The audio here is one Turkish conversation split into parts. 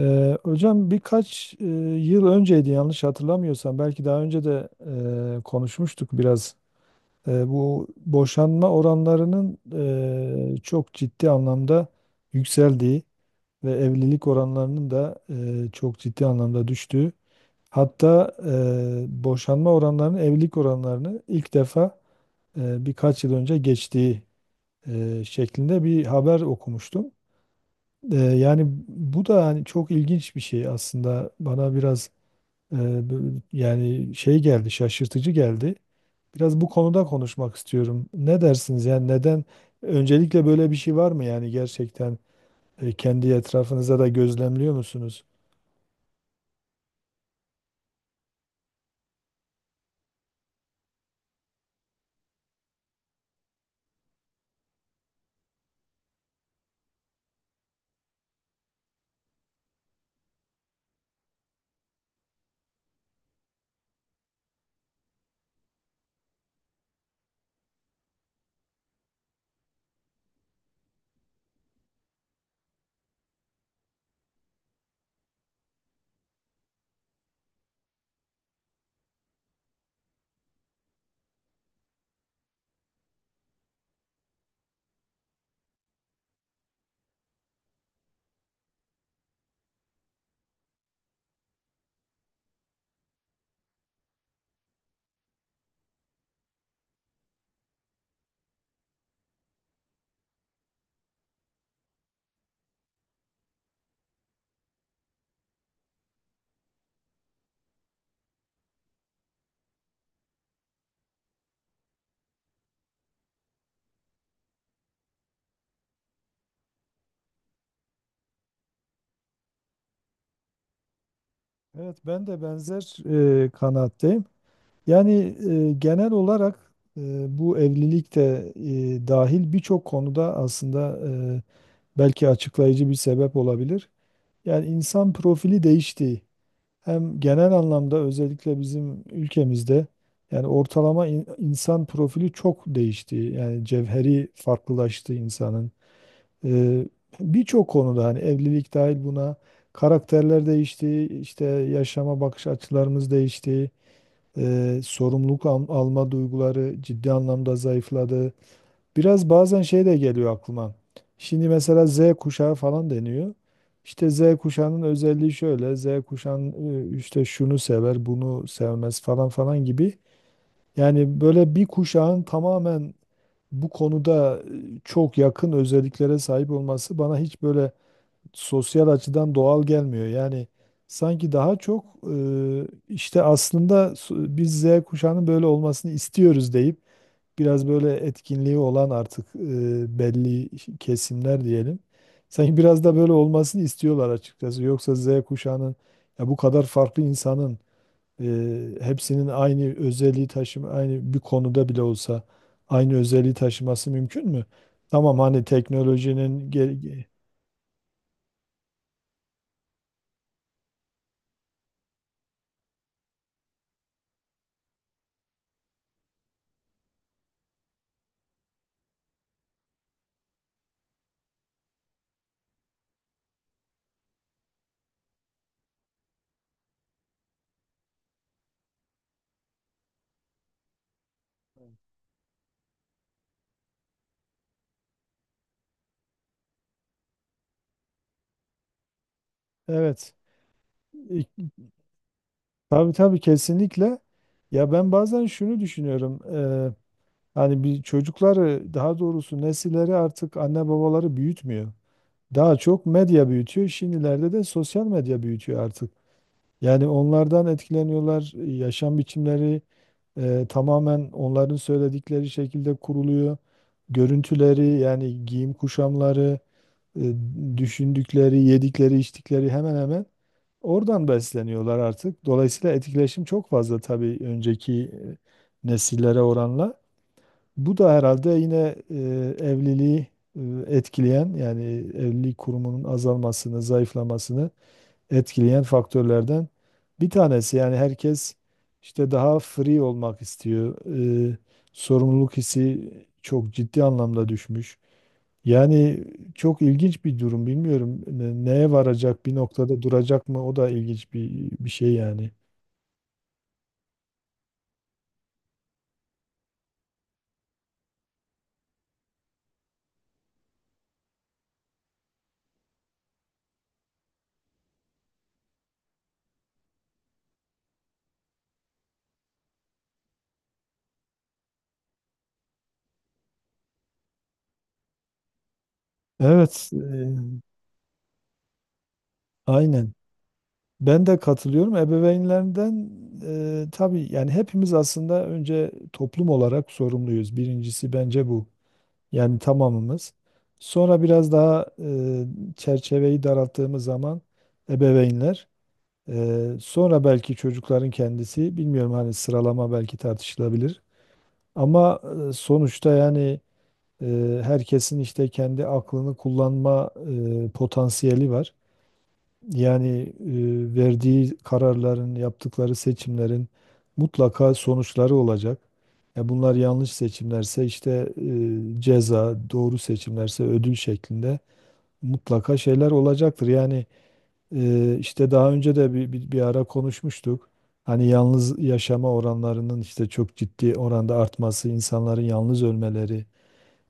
Hocam, birkaç yıl önceydi, yanlış hatırlamıyorsam belki daha önce de konuşmuştuk biraz. Bu boşanma oranlarının çok ciddi anlamda yükseldiği ve evlilik oranlarının da çok ciddi anlamda düştüğü. Hatta boşanma oranlarının evlilik oranlarını ilk defa birkaç yıl önce geçtiği şeklinde bir haber okumuştum. Yani bu da hani çok ilginç bir şey aslında, bana biraz yani şey geldi, şaşırtıcı geldi. Biraz bu konuda konuşmak istiyorum. Ne dersiniz? Yani neden, öncelikle böyle bir şey var mı? Yani gerçekten kendi etrafınıza da gözlemliyor musunuz? Evet, ben de benzer kanaatteyim. Yani genel olarak, bu evlilik de dahil birçok konuda, aslında e, belki açıklayıcı bir sebep olabilir. Yani insan profili değişti, hem genel anlamda, özellikle bizim ülkemizde. Yani ortalama insan profili çok değişti. Yani cevheri farklılaştı insanın. Ee, Birçok konuda, hani evlilik dahil buna, karakterler değişti, işte yaşama bakış açılarımız değişti, sorumluluk alma duyguları ciddi anlamda zayıfladı. Biraz bazen şey de geliyor aklıma. Şimdi mesela Z kuşağı falan deniyor. İşte Z kuşağının özelliği şöyle: Z kuşağın işte şunu sever, bunu sevmez falan falan gibi. Yani böyle bir kuşağın tamamen bu konuda çok yakın özelliklere sahip olması bana hiç böyle sosyal açıdan doğal gelmiyor. Yani sanki daha çok işte aslında, biz Z kuşağının böyle olmasını istiyoruz deyip biraz böyle etkinliği olan artık belli kesimler diyelim. Sanki biraz da böyle olmasını istiyorlar açıkçası. Yoksa Z kuşağının, ya bu kadar farklı insanın hepsinin aynı özelliği taşıma, aynı bir konuda bile olsa aynı özelliği taşıması mümkün mü? Tamam, hani teknolojinin gel-, evet. İ- tabii tabii, kesinlikle. Ya ben bazen şunu düşünüyorum. Hani bir çocukları, daha doğrusu nesilleri, artık anne babaları büyütmüyor. Daha çok medya büyütüyor. Şimdilerde de sosyal medya büyütüyor artık. Yani onlardan etkileniyorlar. Yaşam biçimleri tamamen onların söyledikleri şekilde kuruluyor. Görüntüleri, yani giyim kuşamları, e, düşündükleri, yedikleri, içtikleri, hemen hemen oradan besleniyorlar artık. Dolayısıyla etkileşim çok fazla, tabii önceki nesillere oranla. Bu da herhalde yine evliliği e, etkileyen, yani evlilik kurumunun azalmasını, zayıflamasını etkileyen faktörlerden bir tanesi. Yani herkes işte daha free olmak istiyor. E, Sorumluluk hissi çok ciddi anlamda düşmüş. Yani çok ilginç bir durum, bilmiyorum. Neye varacak, bir noktada duracak mı? O da ilginç bir şey yani. Evet, aynen. Ben de katılıyorum. Ebeveynlerden, tabii yani hepimiz aslında önce toplum olarak sorumluyuz. Birincisi bence bu. Yani tamamımız. Sonra biraz daha çerçeveyi daralttığımız zaman ebeveynler, sonra belki çocukların kendisi, bilmiyorum, hani sıralama belki tartışılabilir. Ama sonuçta, yani herkesin işte kendi aklını kullanma potansiyeli var. Yani verdiği kararların, yaptıkları seçimlerin mutlaka sonuçları olacak. Ya bunlar yanlış seçimlerse işte ceza, doğru seçimlerse ödül şeklinde mutlaka şeyler olacaktır. Yani işte daha önce de bir ara konuşmuştuk. Hani yalnız yaşama oranlarının işte çok ciddi oranda artması, insanların yalnız ölmeleri,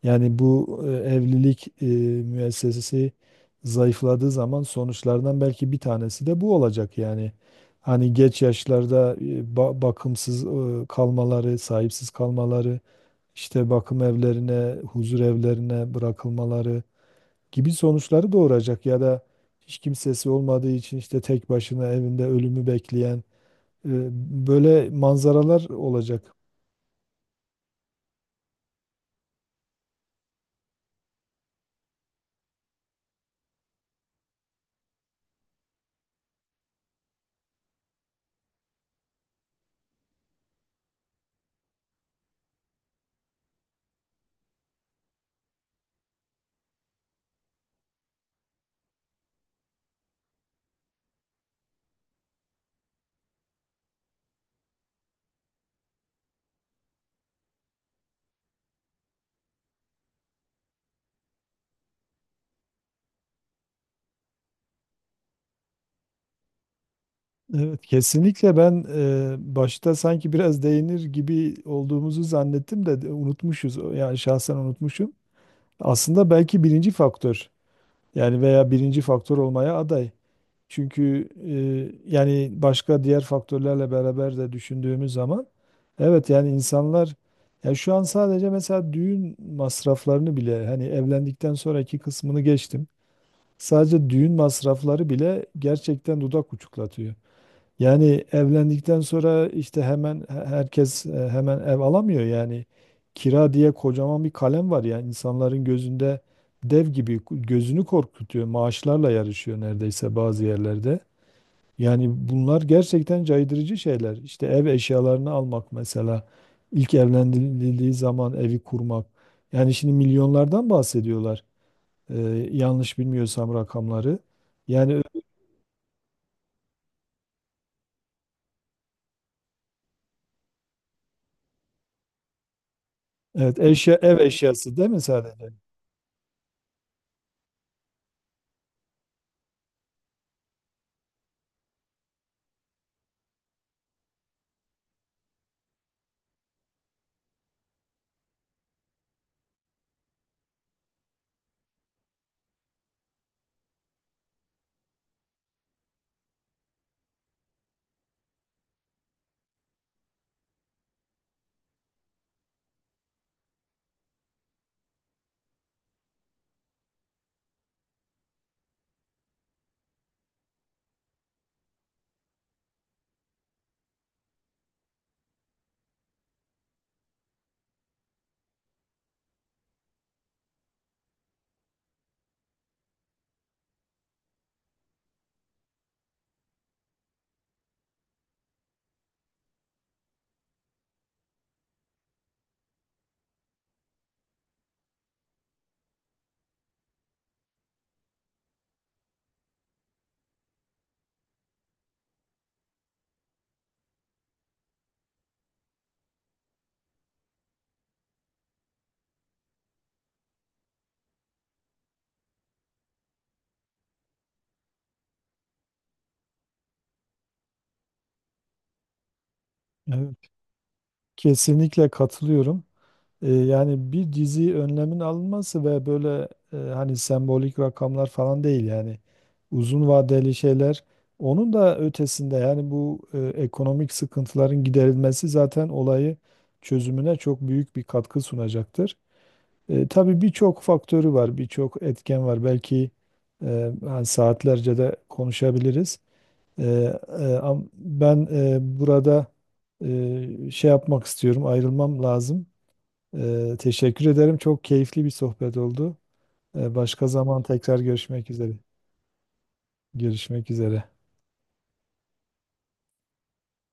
yani bu evlilik müessesesi zayıfladığı zaman sonuçlardan belki bir tanesi de bu olacak yani. Hani geç yaşlarda bakımsız kalmaları, sahipsiz kalmaları, işte bakım evlerine, huzur evlerine bırakılmaları gibi sonuçları doğuracak, ya da hiç kimsesi olmadığı için işte tek başına evinde ölümü bekleyen, e, böyle manzaralar olacak. Evet, kesinlikle, ben başta sanki biraz değinir gibi olduğumuzu zannettim de unutmuşuz. Yani şahsen unutmuşum. Aslında belki birinci faktör, yani veya birinci faktör olmaya aday. Çünkü yani başka diğer faktörlerle beraber de düşündüğümüz zaman, evet yani insanlar, yani şu an sadece mesela düğün masraflarını bile, hani evlendikten sonraki kısmını geçtim. Sadece düğün masrafları bile gerçekten dudak uçuklatıyor. Yani evlendikten sonra işte hemen herkes hemen ev alamıyor yani. Kira diye kocaman bir kalem var ya, insanların gözünde dev gibi gözünü korkutuyor. Maaşlarla yarışıyor neredeyse bazı yerlerde. Yani bunlar gerçekten caydırıcı şeyler. İşte ev eşyalarını almak mesela, ilk evlendirildiği zaman evi kurmak. Yani şimdi milyonlardan bahsediyorlar. Yanlış bilmiyorsam rakamları. Yani evet, eşya, ev eşyası değil mi sadece? Evet. Kesinlikle katılıyorum. Yani bir dizi önlemin alınması, ve böyle hani sembolik rakamlar falan değil, yani uzun vadeli şeyler. Onun da ötesinde, yani bu ekonomik sıkıntıların giderilmesi zaten olayı çözümüne çok büyük bir katkı sunacaktır. Tabii birçok faktörü var, birçok etken var. Belki hani saatlerce de konuşabiliriz. Ee, Ben burada şey yapmak istiyorum, ayrılmam lazım. Teşekkür ederim. Çok keyifli bir sohbet oldu. Başka zaman tekrar görüşmek üzere. Görüşmek üzere.